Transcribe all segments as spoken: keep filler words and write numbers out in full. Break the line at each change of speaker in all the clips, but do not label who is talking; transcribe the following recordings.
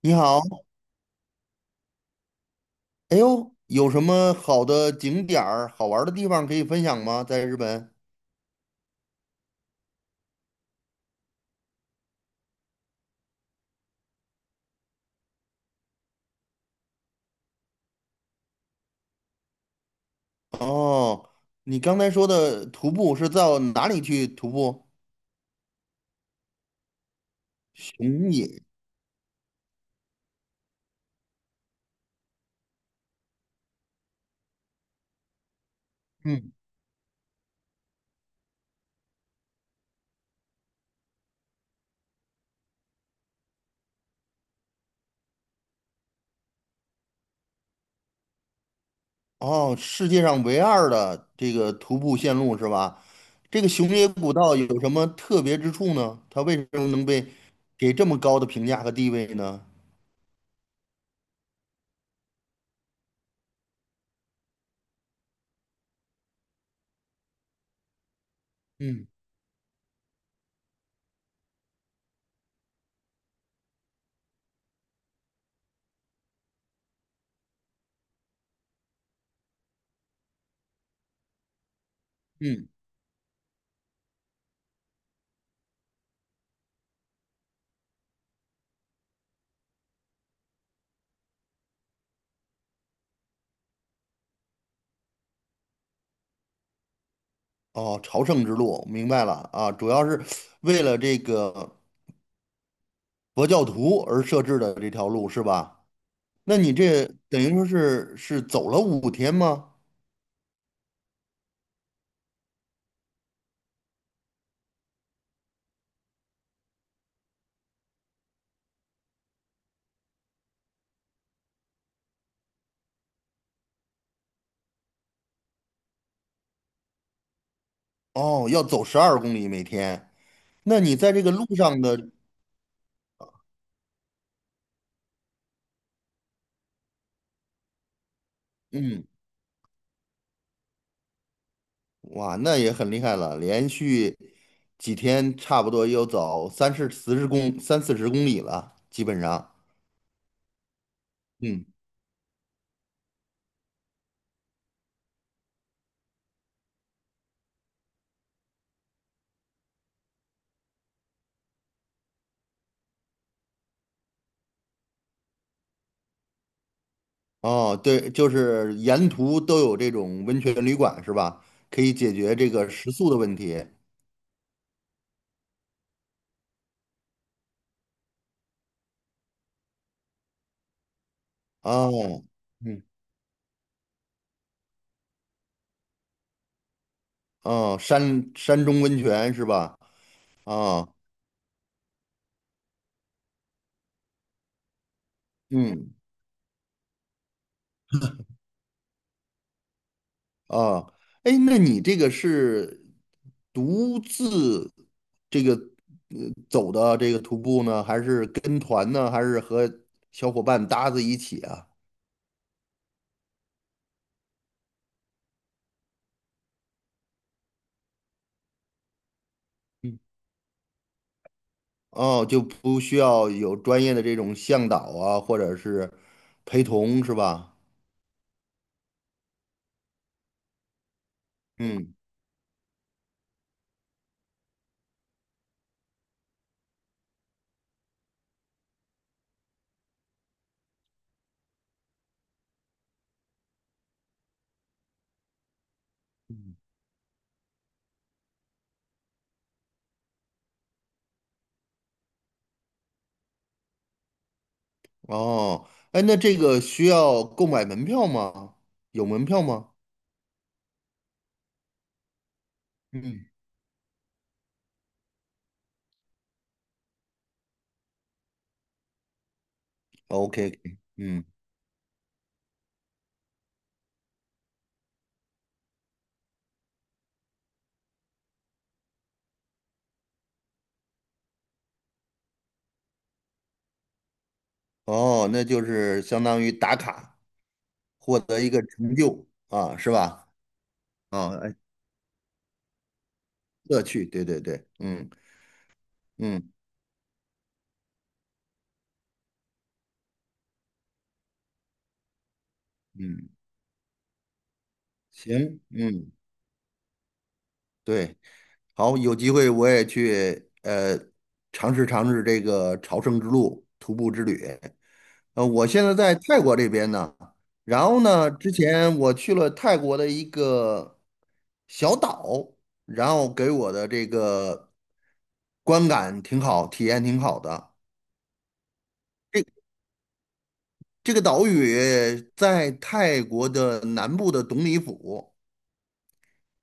你好，哎呦，有什么好的景点儿、好玩儿的地方可以分享吗？在日本？哦，你刚才说的徒步是到哪里去徒步？熊野，嗯，哦，世界上唯二的这个徒步线路是吧？这个熊野古道有什么特别之处呢？它为什么能被给这么高的评价和地位呢？嗯嗯，哦，朝圣之路，明白了啊，主要是为了这个。佛教徒而设置的这条路是吧？那你这等于说是是走了五天吗？哦，要走十二公里每天。那你在这个路上的，嗯，哇，那也很厉害了，连续几天差不多要走三十四十公三四十公里了，基本上。嗯，哦，对，就是沿途都有这种温泉旅馆是吧？可以解决这个食宿的问题。哦，嗯，哦，山山中温泉是吧？啊，嗯啊，哎，那你这个是独自这个呃走的这个徒步呢，还是跟团呢，还是和小伙伴搭子一起啊？嗯，哦，就不需要有专业的这种向导啊，或者是陪同是吧？嗯，嗯哦，哎，那这个需要购买门票吗？有门票吗？嗯，OK，嗯，哦，那就是相当于打卡。获得一个成就啊，是吧？啊，哎，乐趣，对对对，嗯嗯嗯，行，嗯，对，好，有机会我也去呃尝试尝试这个朝圣之路徒步之旅。呃，我现在在泰国这边呢，然后呢，之前我去了泰国的一个小岛，然后给我的这个观感挺好，体验挺好的。这这个岛屿在泰国的南部的董里府，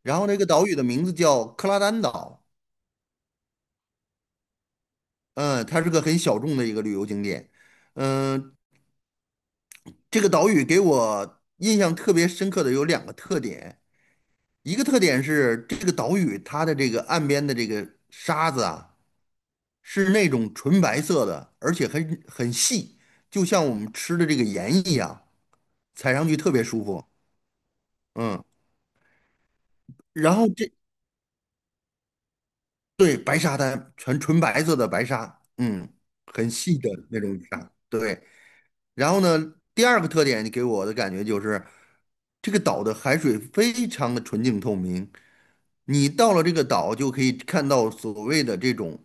然后那个岛屿的名字叫克拉丹岛，嗯，它是个很小众的一个旅游景点，嗯，这个岛屿给我印象特别深刻的有两个特点，一个特点是这个岛屿它的这个岸边的这个沙子啊，是那种纯白色的，而且很很细，就像我们吃的这个盐一样，踩上去特别舒服，嗯。然后这对，白沙滩，全纯白色的白沙，嗯，很细的那种沙。对，然后呢，第二个特点，你给我的感觉就是这个岛的海水非常的纯净透明，你到了这个岛就可以看到所谓的这种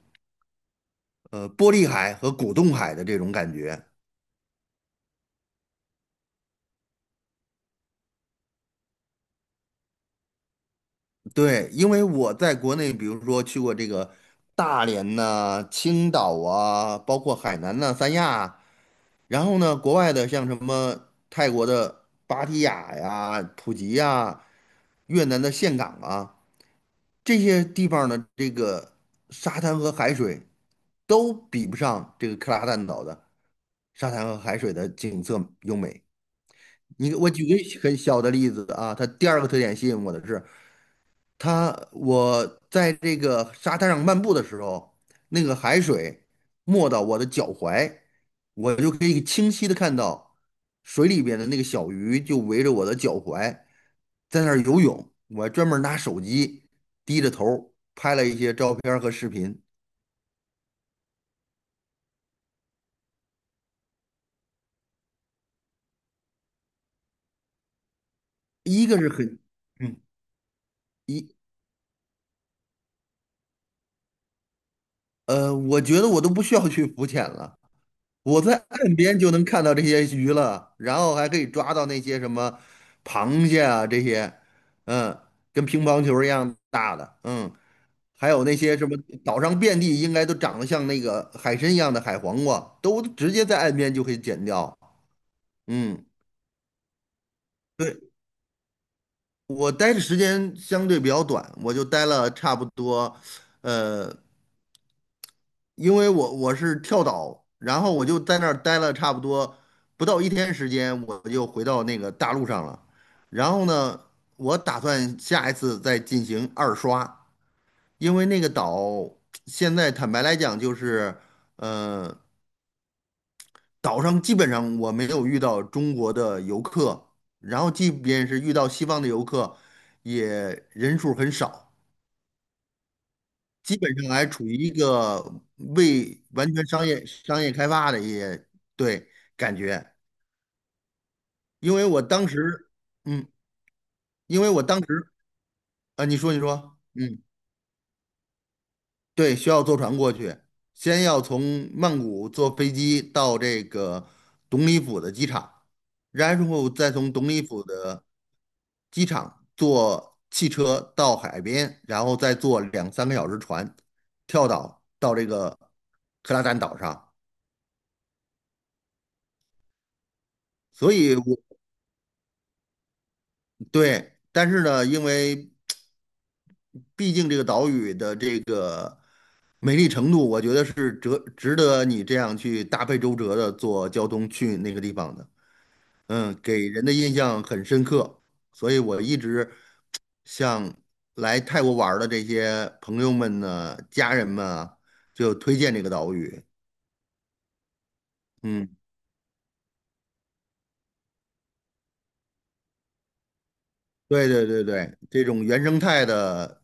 呃玻璃海和果冻海的这种感觉。对，因为我在国内，比如说去过这个大连呐、青岛啊，包括海南呐、三亚啊然后呢，国外的像什么泰国的芭提雅呀、普吉呀、越南的岘港啊，这些地方的这个沙滩和海水都比不上这个克拉蛋岛的沙滩和海水的景色优美。你我举个很小的例子啊，它第二个特点吸引我的是，它我在这个沙滩上漫步的时候，那个海水没到我的脚踝，我就可以清晰的看到水里边的那个小鱼就围着我的脚踝在那儿游泳。我还专门拿手机低着头拍了一些照片儿和视频。一个是很，嗯，一呃，我觉得我都不需要去浮潜了。我在岸边就能看到这些鱼了，然后还可以抓到那些什么螃蟹啊这些，嗯，跟乒乓球一样大的，嗯，还有那些什么岛上遍地应该都长得像那个海参一样的海黄瓜，都直接在岸边就可以捡掉。嗯，对，我待的时间相对比较短，我就待了差不多，呃，因为我我是跳岛，然后我就在那儿待了差不多不到一天时间，我就回到那个大陆上了。然后呢，我打算下一次再进行二刷，因为那个岛现在坦白来讲就是，呃，岛上基本上我没有遇到中国的游客，然后即便是遇到西方的游客，也人数很少。基本上还处于一个未完全商业商业开发的一些对感觉，因为我当时，嗯，因为我当时啊，你说你说，嗯，对，需要坐船过去，先要从曼谷坐飞机到这个董里府的机场，然后再从董里府的机场坐汽车到海边，然后再坐两三个小时船，跳岛到这个克拉赞岛上。所以我，对，但是呢，因为毕竟这个岛屿的这个美丽程度，我觉得是值值得你这样去大费周折的坐交通去那个地方的。嗯，给人的印象很深刻，所以我一直向来泰国玩儿的这些朋友们呢、家人们啊，就推荐这个岛屿。嗯。对对对对，这种原生态的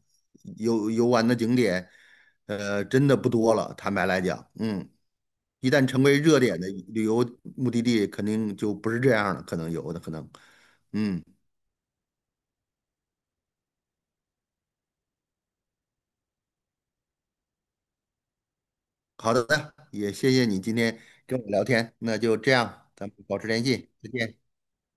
游游玩的景点，呃，真的不多了。坦白来讲，嗯，一旦成为热点的旅游目的地，肯定就不是这样了，可能有的可能。嗯，好的，也谢谢你今天跟我聊天，那就这样，咱们保持联系，再见。